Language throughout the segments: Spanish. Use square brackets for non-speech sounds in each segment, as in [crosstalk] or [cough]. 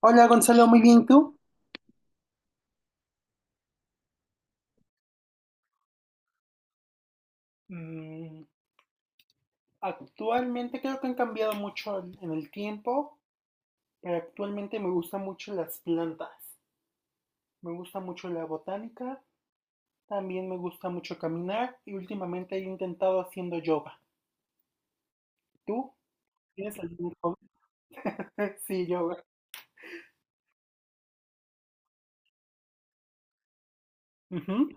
Hola Gonzalo, muy bien, ¿tú? Mm, Actualmente creo que han cambiado mucho en el tiempo, pero actualmente me gustan mucho las plantas. Me gusta mucho la botánica, también me gusta mucho caminar y últimamente he intentado haciendo yoga. ¿Tú? ¿Tienes algún hobby? [laughs] Sí, yoga. Ujú.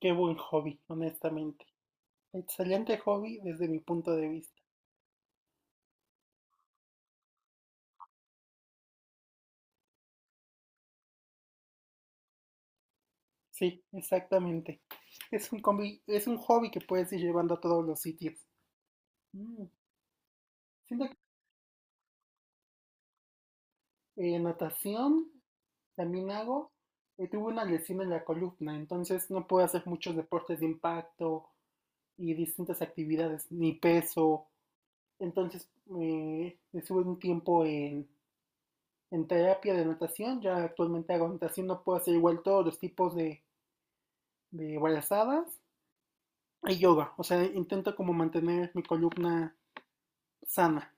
Qué buen hobby, honestamente. Excelente hobby desde mi punto de vista. Sí, exactamente. Es un hobby que puedes ir llevando a todos los sitios. Mm, Siento, natación también hago. Tuve una lesión en la columna, entonces no puedo hacer muchos deportes de impacto y distintas actividades, ni peso. Entonces, estuve un tiempo en terapia de natación. Ya actualmente hago natación, no puedo hacer igual todos los tipos de brazadas y yoga. O sea, intento como mantener mi columna sana.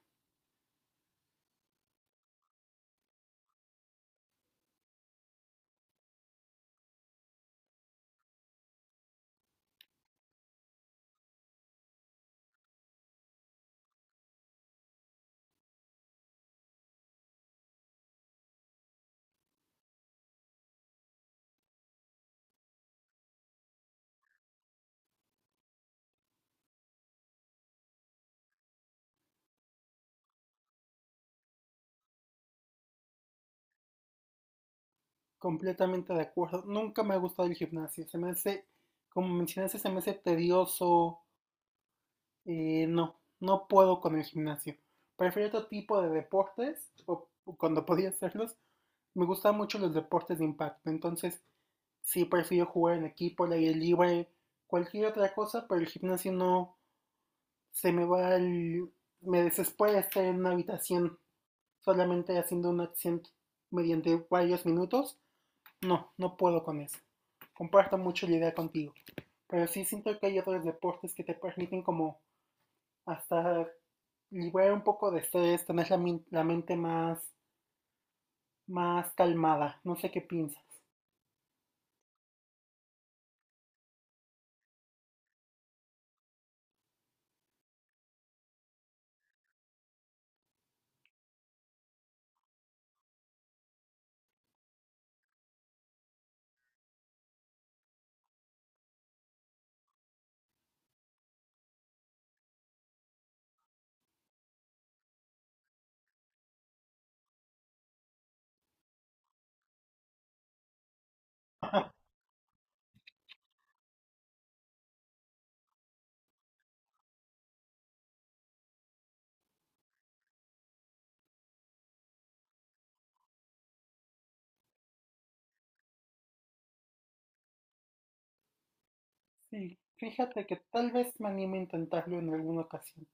Completamente de acuerdo. Nunca me ha gustado el gimnasio. Se me hace, como mencionaste, se me hace tedioso. No, no puedo con el gimnasio. Prefiero otro tipo de deportes, o cuando [laughs] podía hacerlos. Me gustan mucho los deportes de impacto, entonces sí prefiero jugar en equipo, al aire libre, cualquier otra cosa, pero el gimnasio no se me va al... Me desespera estar en una habitación solamente haciendo una acción mediante varios minutos. No, no puedo con eso. Comparto mucho la idea contigo. Pero sí siento que hay otros deportes que te permiten como hasta liberar un poco de estrés, tener la mente más calmada. No sé qué piensas. Sí, fíjate que tal vez me anime a intentarlo en alguna ocasión,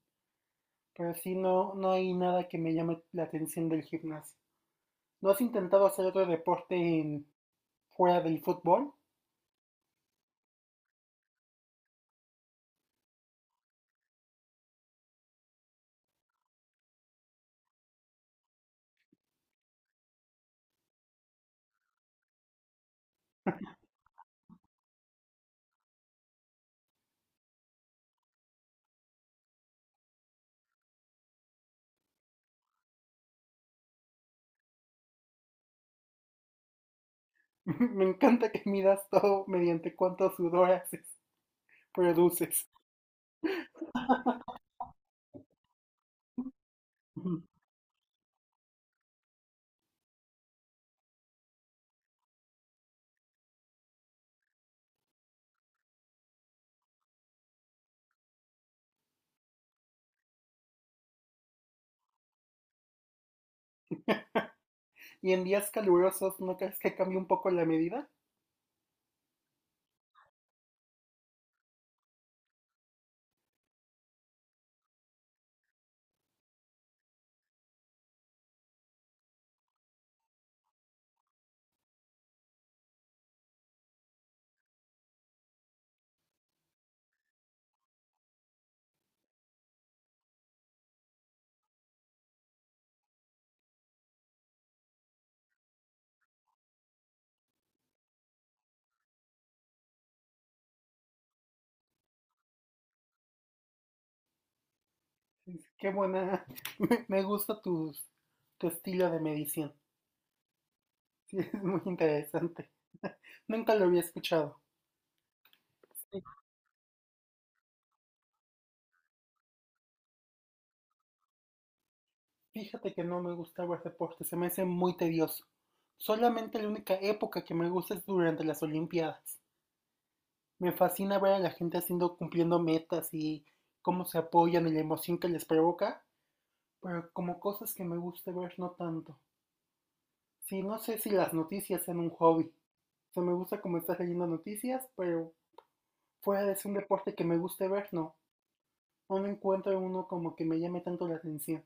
pero sí no, no hay nada que me llame la atención del gimnasio. ¿No has intentado hacer otro deporte fuera del fútbol? [laughs] Me encanta que midas todo mediante cuánto sudor haces, produces. [laughs] ¿Y en días calurosos no crees que cambie un poco la medida? Qué buena. [laughs] Me gusta tu estilo de medición. [laughs] Sí, es muy interesante. [laughs] Nunca lo había escuchado. Sí, fíjate que no me gusta ver deporte, se me hace muy tedioso. Solamente la única época que me gusta es durante las Olimpiadas. Me fascina ver a la gente haciendo, cumpliendo metas y cómo se apoyan y la emoción que les provoca, pero como cosas que me gusta ver no tanto. Sí, no sé si las noticias sean un hobby. O sea, me gusta como estar leyendo noticias, pero fuera de ser un deporte que me guste ver, no. No me encuentro uno como que me llame tanto la atención.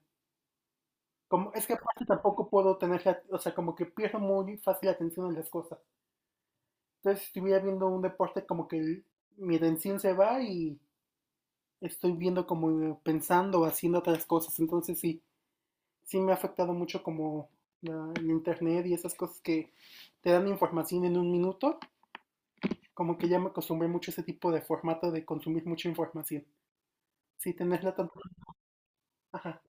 Como, es que aparte tampoco puedo tener, la, o sea, como que pierdo muy fácil la atención en las cosas. Entonces, si estuviera viendo un deporte, como que el mi atención se va y estoy viendo como pensando, haciendo otras cosas. Entonces, sí, sí me ha afectado mucho como el internet y esas cosas que te dan información en un minuto. Como que ya me acostumbré mucho a ese tipo de formato de consumir mucha información. Sí, tenerla tanto. Ajá.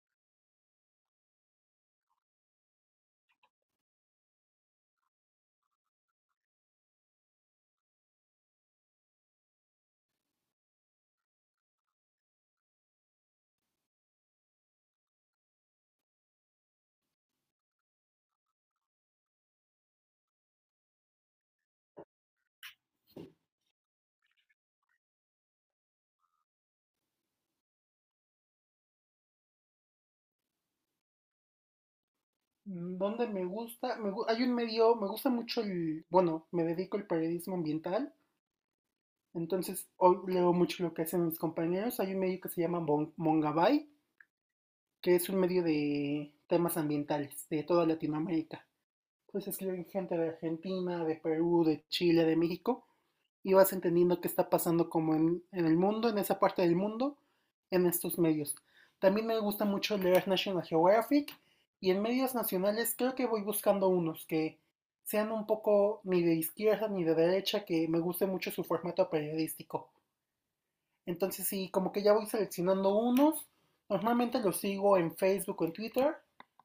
dónde me gusta, me gu- hay un medio, me gusta mucho el, bueno, me dedico al periodismo ambiental, entonces hoy leo mucho lo que hacen mis compañeros. Hay un medio que se llama Mongabay, que es un medio de temas ambientales de toda Latinoamérica. Entonces escriben gente de Argentina, de Perú, de Chile, de México, y vas entendiendo qué está pasando como en el mundo, en esa parte del mundo, en estos medios. También me gusta mucho leer National Geographic y en medios nacionales creo que voy buscando unos que sean un poco ni de izquierda ni de derecha, que me guste mucho su formato periodístico. Entonces sí, como que ya voy seleccionando unos, normalmente los sigo en Facebook o en Twitter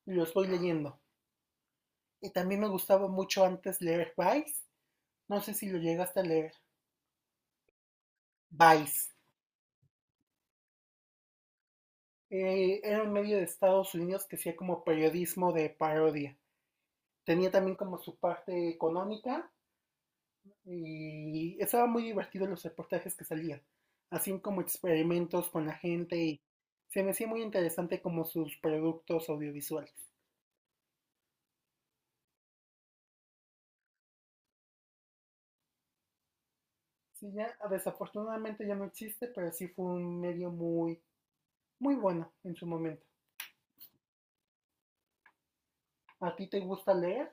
y los voy leyendo. Y también me gustaba mucho antes leer Vice, no sé si lo llegaste a leer. Vice. Era un medio de Estados Unidos que hacía como periodismo de parodia. Tenía también como su parte económica y estaba muy divertido los reportajes que salían. Hacían como experimentos con la gente y se me hacía muy interesante como sus productos audiovisuales. Sí, ya desafortunadamente ya no existe, pero sí fue un medio muy, muy bueno en su momento. ¿A ti te gusta leer?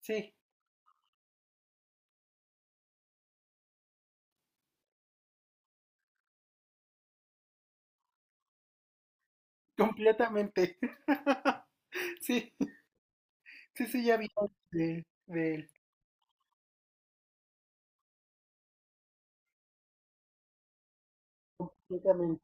Sí, completamente. [laughs] Sí, sí, sí, ya vi de, él, completamente.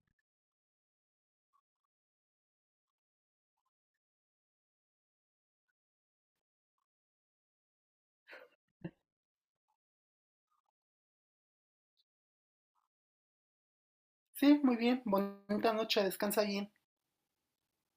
Sí, muy bien. Bonita noche. Descansa bien.